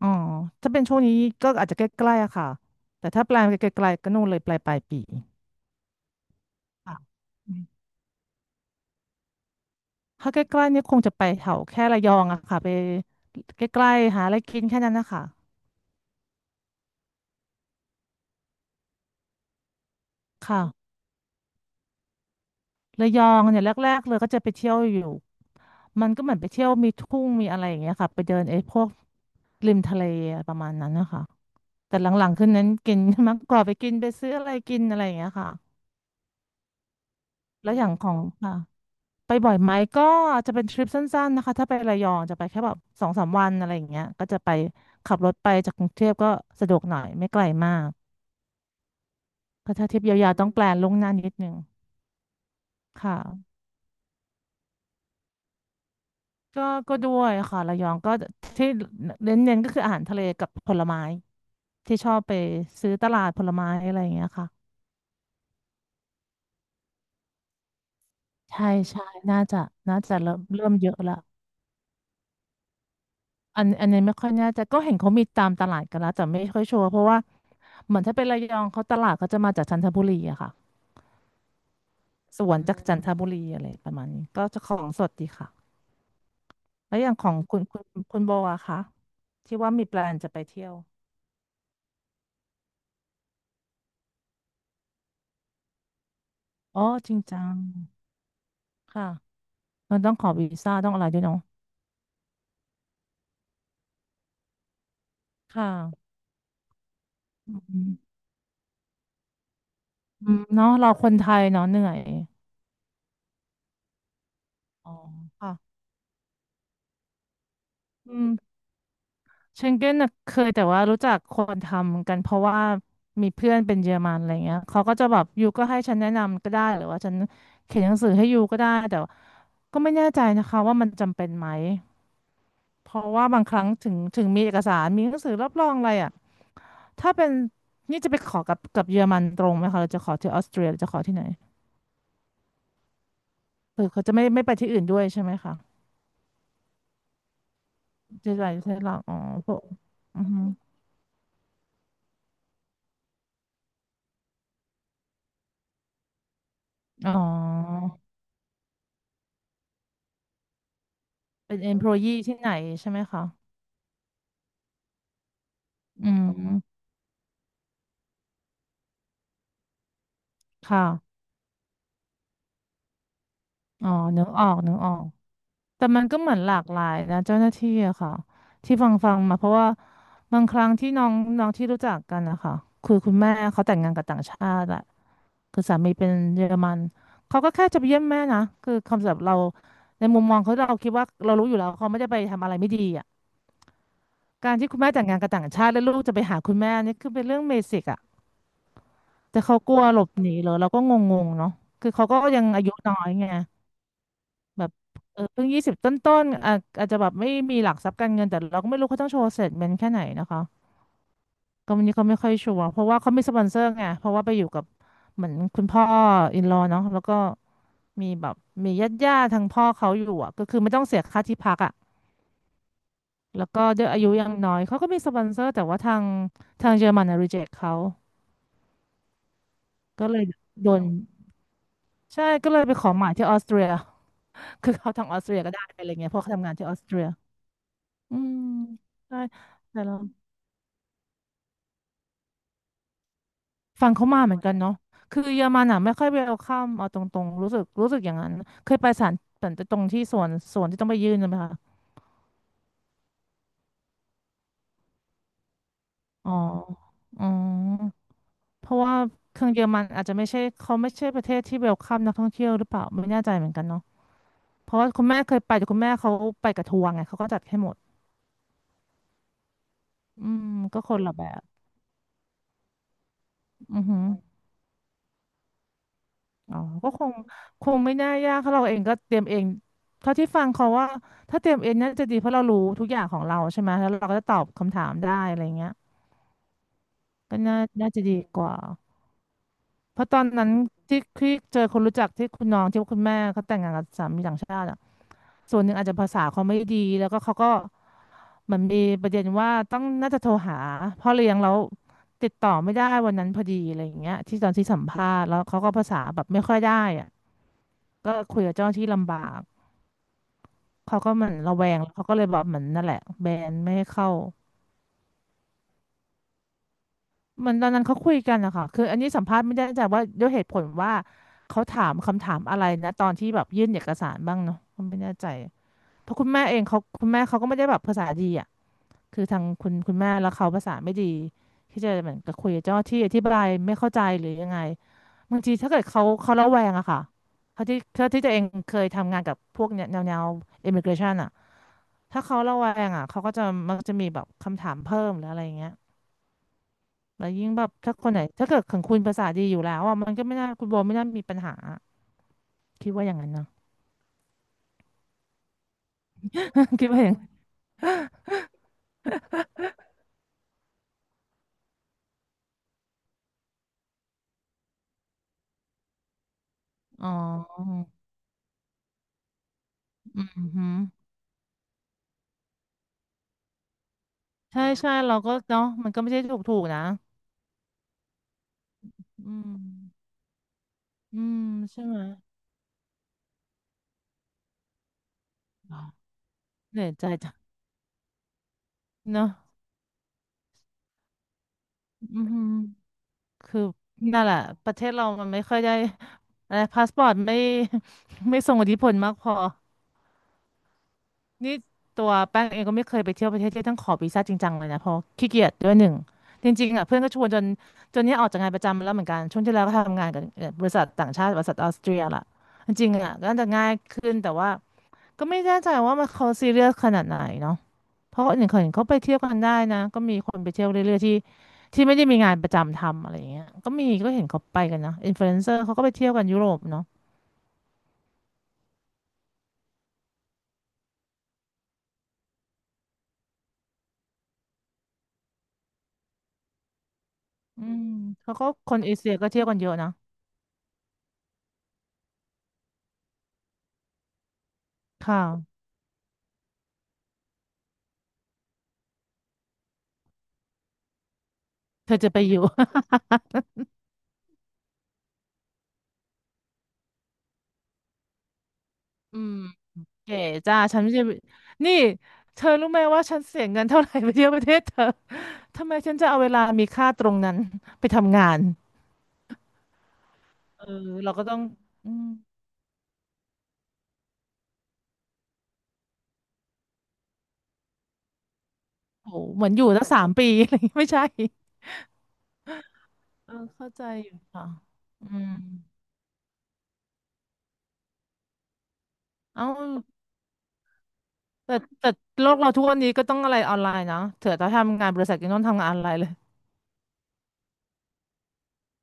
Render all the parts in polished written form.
อ๋อถ้าเป็นช่วงนี้ก็อาจจะใกล้ๆอะค่ะแต่ถ้าแปลนไปไกลๆก็นู่นเลยปลายปีค่ะอืมถ้าใกล้ๆเนี่ยคงจะไปแถวแค่ระยองอะค่ะไปใกล้ๆหาอะไรกินแค่นั้นนะคะค่ะระยองเนี่ยแรกๆเลยก็จะไปเที่ยวอยู่มันก็เหมือนไปเที่ยวมีทุ่งมีอะไรอย่างเงี้ยค่ะไปเดินไอ้พวกริมทะเลประมาณนั้นนะคะแต่หลังๆขึ้นนั้นกิน มากกว่าไปกินไปซื้ออะไรกินอะไรอย่างเงี้ยค่ะแล้วอย่างของค่ะ ไปบ่อยไหมก็จะเป็นทริปสั้นๆนะคะถ้าไประยองจะไปแค่แบบสองสามวันอะไรอย่างเงี้ยก็จะไปขับรถไปจากกรุงเทพก็สะดวกหน่อยไม่ไกลมากก็ถ้าทริปยาวๆต้องแพลนล่วงหน้านิดนึงค่ะก็ก็ด้วยค่ะระยองก็ที่เน้นๆก็คืออาหารทะเลกับผลไม้ที่ชอบไปซื้อตลาดผลไม้อะไรอย่างเงี้ยค่ะใช่ใช่น่าจะน่าจะเริ่มเยอะละ อันนี้ไม่ค่อยแน่ใจก็เห็นเขามีตามตลาดกันแล้วแต่ไม่ค่อยชัวร์เพราะว่าเหมือนถ้าเป็นระยองเขาตลาดก็จะมาจากจันทบุรีอะค่ะสวนจากจันทบุรีอะไรประมาณนี้ก็จะของสดดีค่ะแล้วอย่างของคุณโบอะคะที่ว่ามีแปลนจะไปเที่ยวอ๋อจริงจังค่ะมันต้องขอวีซ่าต้องอะไรด้วยเนาะค่ะอืมอืมเนาะเราคนไทยเนาะเหนื่อยอ๋อค่ะอืม เชงเก้นน่ะเคยแต่ว่ารู้จักคนทำกันเพราะว่ามีเพื่อนเป็นเยอรมันอะไรเงี้ยเขาก็จะแบบยูก็ให้ฉันแนะนำก็ได้หรือว่าฉันเขียนหนังสือให้ยูก็ได้แต่ว่าก็ไม่แน่ใจนะคะว่ามันจำเป็นไหมเพราะว่าบางครั้งถึงมีเอกสารมีหนังสือรับรองอะไรอ่ะถ้าเป็นนี่จะไปขอกับเยอรมันตรงไหมคะเราจะขอที่ออสเตรียหรือจะขอที่ไหนคือเขาจะไม่ไปที่อื่นด้วยใช่ไหมคะจะไปที่หลักอ๋อพวกอือฮึอ๋อเป็น employee ที่ไหนใช่ไหมคะอืมค่ะ อ๋อนึกออกแต่มันก็เหมือนหลากหลายนะเจ้าหน้าที่อะค่ะที่ฟังมาเพราะว่าบางครั้งที่น้องน้องที่รู้จักกันนะคะคือคุณแม่เขาแต่งงานกับต่างชาติอะคือสามีเป็นเยอรมันเขาก็แค่จะไปเยี่ยมแม่นะคือคำสำหรับเราในมุมมองเขาเราคิดว่าเรารู้อยู่แล้วเขาไม่ได้ไปทำอะไรไม่ดีอะการที่คุณแม่แต่งงานกับต่างชาติแล้วลูกจะไปหาคุณแม่นี่คือเป็นเรื่องเบสิกอะแต่เขากลัวหลบหนีเหรอเราก็งงๆเนาะคือเขาก็ยังอายุน้อยไง แบบเออเพิ่งยี่สิบต้นๆอาจจะแบบไม่มีหลักทรัพย์การเงินแต่เราก็ไม่รู้เขาต้องโชว์เสร็จเป็นแค่ไหนนะคะก็วันนี้เขาไม่ค่อยชัวร์เพราะว่าเขามีสปอนเซอร์ไงเพราะว่าไปอยู่กับเหมือนคุณพ่ออินลอเนาะแล้วก็มีแบบมีญาติญาติทางพ่อเขาอยู่อ่ะก็คือไม่ต้องเสียค่าที่พักอ่ะแล้วก็ด้วยอายุยังน้อยเขาก็มีสปอนเซอร์แต่ว่าทางเยอรมันรีเจคเขาก็เลยโดนใช่ก็เลยไปขอหมายที่ออสเตรีย คือเขาทางออสเตรียก็ได้อะไรเงี้ยเพราะเขาทำงานที่ออสเตรียอืมใช่แต่เรา ฟังเขามาเหมือนกันเนาะคือเยอรมันอ่ะไม่ค่อยเวลคัมเอาตรงๆรู้สึกอย่างนั้น เคยไปศาลแต่ตรงที่สวนที่ต้องไปยื่นนะไหมคะอ๋ออ๋อเพราะว่าเครื่องเยอรมันอาจจะไม่ใช่เขาไม่ใช่ประเทศที่เวลคัมนักท่องเที่ยวหรือเปล่าไม่แน่ใจเหมือนกันเนาะเพราะว่าคุณแม่เคยไปแต่คุณแม่เขาไปกับทัวร์ไงเขาก็จัดให้หมด อืม ก็คนละแบบอือหือ อ๋อก็คงไม่น่ายากเพราะเราเองก็เตรียมเองเท่าที่ฟังเขาว่าถ้าเตรียมเองน่าจะดีเพราะเรารู้ทุกอย่างของเราใช่ไหมแล้วเราก็จะตอบคำถามได้อะไรเงี้ยก็น่าจะดีกว่าเพราะตอนนั้นที่ที่เจอคนรู้จักที่คุณน้องที่คุณแม่เขาแต่งงานกับสามีต่างชาติอะส่วนหนึ่งอาจจะภาษาเขาไม่ดีแล้วก็เขาก็เหมือนมีประเด็นว่าต้องน่าจะโทรหาพ่อเลี้ยงแล้วติดต่อไม่ได้วันนั้นพอดีอะไรอย่างเงี้ยที่ตอนที่สัมภาษณ์แล้วเขาก็ภาษาแบบไม่ค่อยได้อะก็คุยกับเจ้าหน้าที่ลำบาก เขาก็เหมือนระแวงแล้วเขาก็เลยแบบเหมือนนั่นแหละแบนไม่ให้เข้าเหมือนตอนนั้นเขาคุยกันนะคะคืออันนี้สัมภาษณ์ไม่ได้แต่ว่าด้วยเหตุผลว่าเขาถามคำถามอะไรนะตอนที่แบบยื่นเอกสารบ้างเนาะผมไม่แน่ใจเพราะคุณแม่เองเขาคุณแม่เขาก็ไม่ได้แบบภาษาดีอ่ะคือทางคุณแม่แล้วเขาภาษาไม่ดีที่จะเหมือนกับคุยกับเจ้าหน้าที่อธิบายไม่เข้าใจหรือยังไงบางทีถ้าเกิดเขาระแวงอะค่ะเขาที่ตัวเองเคยทำงานกับพวกเนี่ยแนว immigration อะ ถ้าเขาระแวงอ่ะเขาก็จะมักจะมีแบบคำถามเพิ่มหรืออะไรเงี้ยแล้วยิ่งแบบถ้าคนไหนถ้าเกิดของคุณภาษาดีอยู่แล้วอ่ะมันก็ไม่น่าคุณโบไม่น่ามีปัญหาคิดว่าอย่างนั้นนะ คิดว่าอย่างอ๋ออืมฮึใช่เราก็เนาะมันก็ไม่ใช่ถูกนะอืมอืมใช่ไหมอ๋อเหนื่อยใจจังเนาะอืมฮึคือนั่นแหละประเทศเรามันไม่ค่อยได้อะไรพาสปอร์ตไม่ ไม่ส่งอิทธิพลมากพอ นี่ตัวแป้งเองก็ไม่เคยไปเที่ยวประเทศที่ต้องขอวีซ่าจริงจังเลยนะเพราะขี้เกียจด้วยหนึ่งจริงๆอ่ะเพื่อนก็ชวนจนเนี้ยออกจากงานประจำแล้วเหมือนกันช่วงที่แล้วก็ทำงานกับบริษัทต่างชาติบริษัทออสเตรียล่ะจริงๆอ่ะก็น่าจะง่ายขึ้นแต่ว่าก็ไม่แน่ใจว่ามันเขาซีเรียสขนาดไหนเนาะเพราะหนอ่งเขาเห็นเขาไปเที่ยวกันได้นะก็มีคนไปเที่ยวเรื่อยๆที่ไม่ได้มีงานประจำทำอะไรอย่างเงี้ยก็มีก็เห็นเขาไปกันนะอินฟลูเอนเซอร์เขาก็ไปเที่ยวกันยุโรปเนาะอืมเขาก็คนเอเชียก็เที่ยวกันเยอะนะค่ะเธอจะไปอยู่ อืมเก๋จ้าฉันไม่ใช่นี่เธอรู้ไหมว่าฉันเสียเงินเท่าไหร่ไปเที่ยวประเทศเธอทำไมฉันจะเอาเวลามีค่าตรงนั้นไปทำงานเออเราก็ต้องอืมโหเหมือนอยู่ตั้งสามปีอะไรอย่างงี้ไม่ใช่เออเข้าใจอยู่ค่ะอืมเอาแต่แต่โลกเราทุกวันนี้ก็ต้องอะไรออนไลน์นะเถอะถ้าทำงานบริษัทก็ต้องทำงานออนไลน์เลย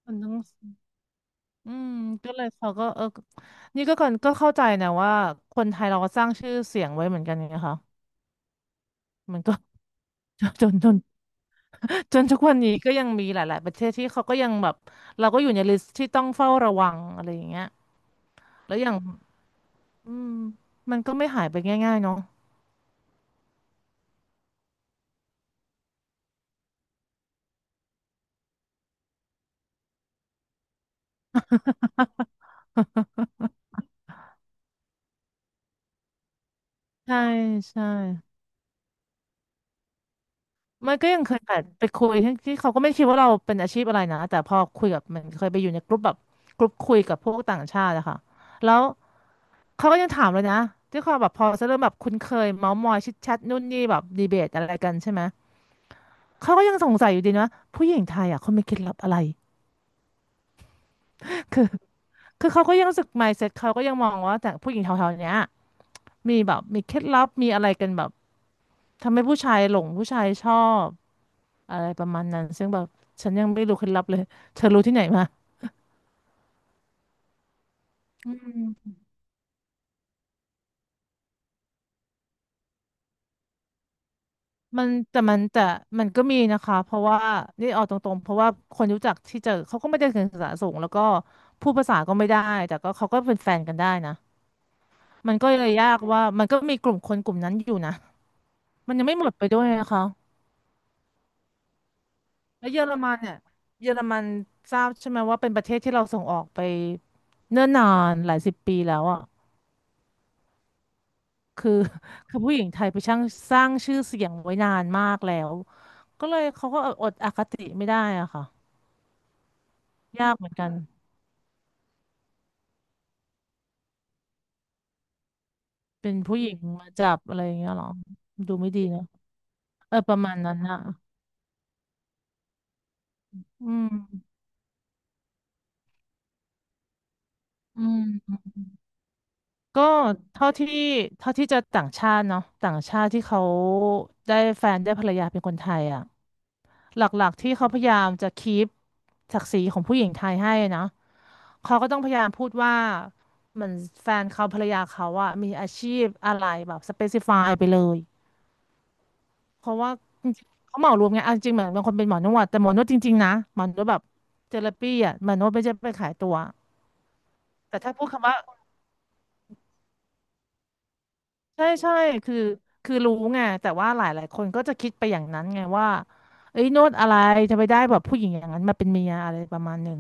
มันต้องอืมก็เลยเขาก็เออนี่ก็ก่อนก็เข้าใจนะว่าคนไทยเราก็สร้างชื่อเสียงไว้เหมือนกันไงคะมันก็ จน จนทุกวันนี้ก็ยังมีหลายๆประเทศที่เขาก็ยังแบบเราก็อยู่ในลิสต์ที่ต้องเฝ้าระวังอะไรอย่างเงี้ยแล้วอย่างอืมมันก็ไม่หายไปง่ายๆเนาะใช่ใช่มันก็ยังเคยแบบไปคุยที่ที่เขาก็ไม่คิดว่าเราเป็นอาชีพอะไรนะแต่พอคุยกับมันเคยไปอยู่ในกลุ่มแบบกลุ่มคุยกับพวกต่างชาติอะค่ะแล้วเขาก็ยังถามเลยนะที่เขาแบบพอจะเริ่มแบบคุ้นเคยเมาท์มอยชิดแชทนู่นนี่แบบดีเบตอะไรกันใช่ไหมเขาก็ยังสงสัยอยู่ดีนะผู้หญิงไทยอะเขามีเคล็ดลับอะไรคือ คือเขาก็ยังรู้สึก mindset เขาก็ยังมองว่าแต่ผู้หญิงแถวๆเนี้ยมีแบบมีเคล็ดลับมีอะไรกันแบบทำให้ผู้ชายหลงผู้ชายชอบอะไรประมาณนั้นซึ่งแบบฉันยังไม่รู้เคล็ดลับเลยเธอรู้ที่ไหนมาแต่มันก็มีนะคะเพราะว่านี่เอาตรงๆเพราะว่าคนรู้จักที่เจอเขาก็ไม่ได้เรียภาษาสูงแล้วก็พูดภาษาก็ไม่ได้แต่ก็เขาก็เป็นแฟนกันได้นะมันก็เลยยากว่ามันก็มีกลุ่มคนกลุ่มนั้นอยู่นะมันยังไม่หมดไปด้วยนะคะ แล้วเยอรมันเนี่ยเยอรมันทราบใช่ไหมว่าเป็นประเทศที่เราส่งออกไปเนิ่นนานหลายสิบปีแล้วอ่ะคือ คือผู้หญิงไทยไปช่างสร้างชื่อเสียงไว้นานมากแล้วก็เลยเขาก็อดอคติไม่ได้อ่ะค่ะยากเหมือนกันเป็นผู้หญิงมาจับอะไรอย่างเงี้ยเหรอดูไม่ดีนะเออประมาณนั้นนะอืมอืมก็เท่าที่เจะต่างชาติเนาะต่างชาติที่เขาได้แฟนได้ภรรยาเป็นคนไทยอ่ะ หลักๆที่เขาพยายามจะคีปศักดิ์ศรีของผู้หญิงไทยให้นะเขาก็ต้องพยายามพูดว่าเหมือนแฟนเขาภรรยาเขาอะมีอาชีพอะไรแบบสเปซิฟายไปเลยเพราะว่าจริงๆเขาเหมารวมไงเอาจริงๆเหมือนบางคนเป็นหมอนวดแต่หมอนวดจริงๆนะหมอนวดแบบเทอราปีอะหมอนวดไม่ใช่ไปขายตัวแต่ถ้าพูดคำว่าใช่ใช่คือคือรู้ไงแต่ว่าหลายๆคนก็จะคิดไปอย่างนั้นไงว่าเอ้ยโนวดอะไรจะไปได้แบบผู้หญิงอย่างนั้นมาเป็นเมียอะไรประมาณหนึ่ง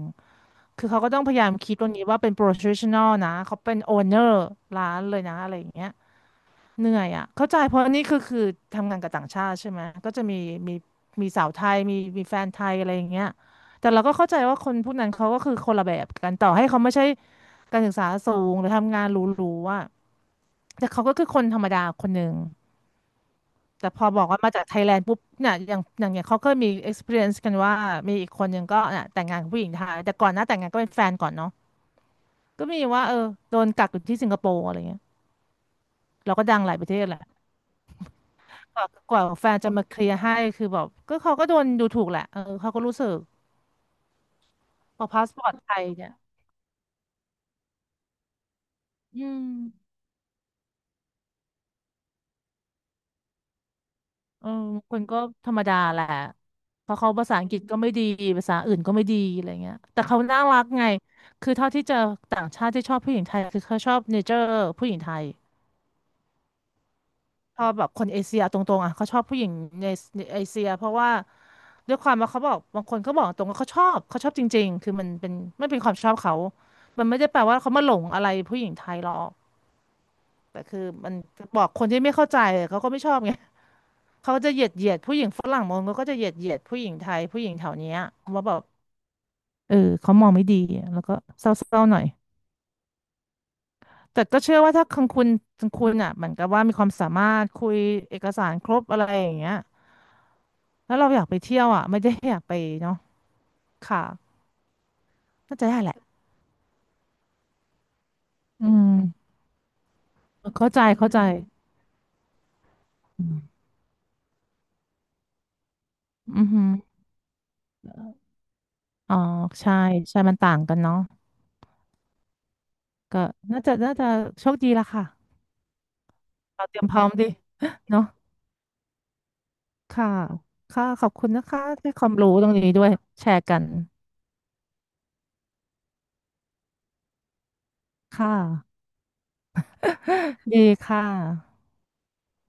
คือเขาก็ต้องพยายามคิดตรงนี้ว่าเป็น professional นะเขาเป็น owner ร้านเลยนะอะไรอย่างเงี้ยเหนื่อยอ่ะเข้าใจเพราะนี่คือทำงานกับต่างชาติใช่ไหมก็จะมีมีสาวไทยมีแฟนไทยอะไรอย่างเงี้ยแต่เราก็เข้าใจว่าคนพวกนั้นเขาก็คือคนละแบบกันต่อให้เขาไม่ใช่การศึกษาสูงหรือทำงานหรูๆอ่ะแต่เขาก็คือคนธรรมดาคนหนึ่งแต่พอบอกว่ามาจากไทยแลนด์ปุ๊บเนี่ยอย่างเขาเคยมี experience กันว่ามีอีกคนหนึ่งก็เนี่ยแต่งงานกับผู้หญิงไทยแต่ก่อนหน้าแต่งงานก็เป็นแฟนก่อนเนาะ ก็มีว่าเออโดนกักอยู่ที่สิงคโปร์อะไรเงี้ยเราก็ดังหลายประเทศแหละกว่าแฟนจะมาเคลียร์ให้คือแบบก็เขาก็โดนดูถูกแหละเออเขาก็รู้สึกพอพาสปอร์ตไทยเนี่ยอืมเออคนก็ธรรมดาแหละเพราะเขาภาษาอังกฤษก็ไม่ดีภาษาอื่นก็ไม่ดีอะไรเงี้ยแต่เขาน่ารักไงคือเท่าที่เจอต่างชาติที่ชอบผู้หญิงไทยคือเขาชอบเนเจอร์ผู้หญิงไทย ชอบแบบคนเอเชียตรงๆอ่ะเขาชอบผู้หญิงในในเอเชียเพราะว่าด้วยความว่าเขาบอกบางคนเขาบอกตรงว่าเขาชอบจริงๆคือมันเป็นไม่เป็นความชอบเขามันไม่ได้แปลว่าเขามาหลงอะไรผู้หญิงไทยหรอกแต่คือมันบอกคนที่ไม่เข้าใจเขาก็ไม่ชอบไงเขาจะเหยียดผู้หญิงฝรั่งมองก็จะเหยียดผู้หญิงไทยผู้หญิงแถวเนี้ยว่าแบบเออเขามองไม่ดีแล้วก็เศร้าๆหน่อยแต่ก็เชื่อว่าถ้าคังคุณอ่ะเหมือนกับว่ามีความสามารถคุยเอกสารครบอะไรอย่างเงี้ย แล้วเราอยากไปเที่ยวอ่ะไม่ได้อยากไปเนาะค่ะน่าจะได้แหละอืมเข้าใจอืมอือหืออ๋อใช่ใช่มันต่างกันเนาะก็น่าจะโชคดีละค่ะเราเตรียมพร้อมดี เนาะค่ะค่ะขอบคุณนะคะที่ความรู้ตรงนี้ด้วยแชร์กันค่ะดีค่ะ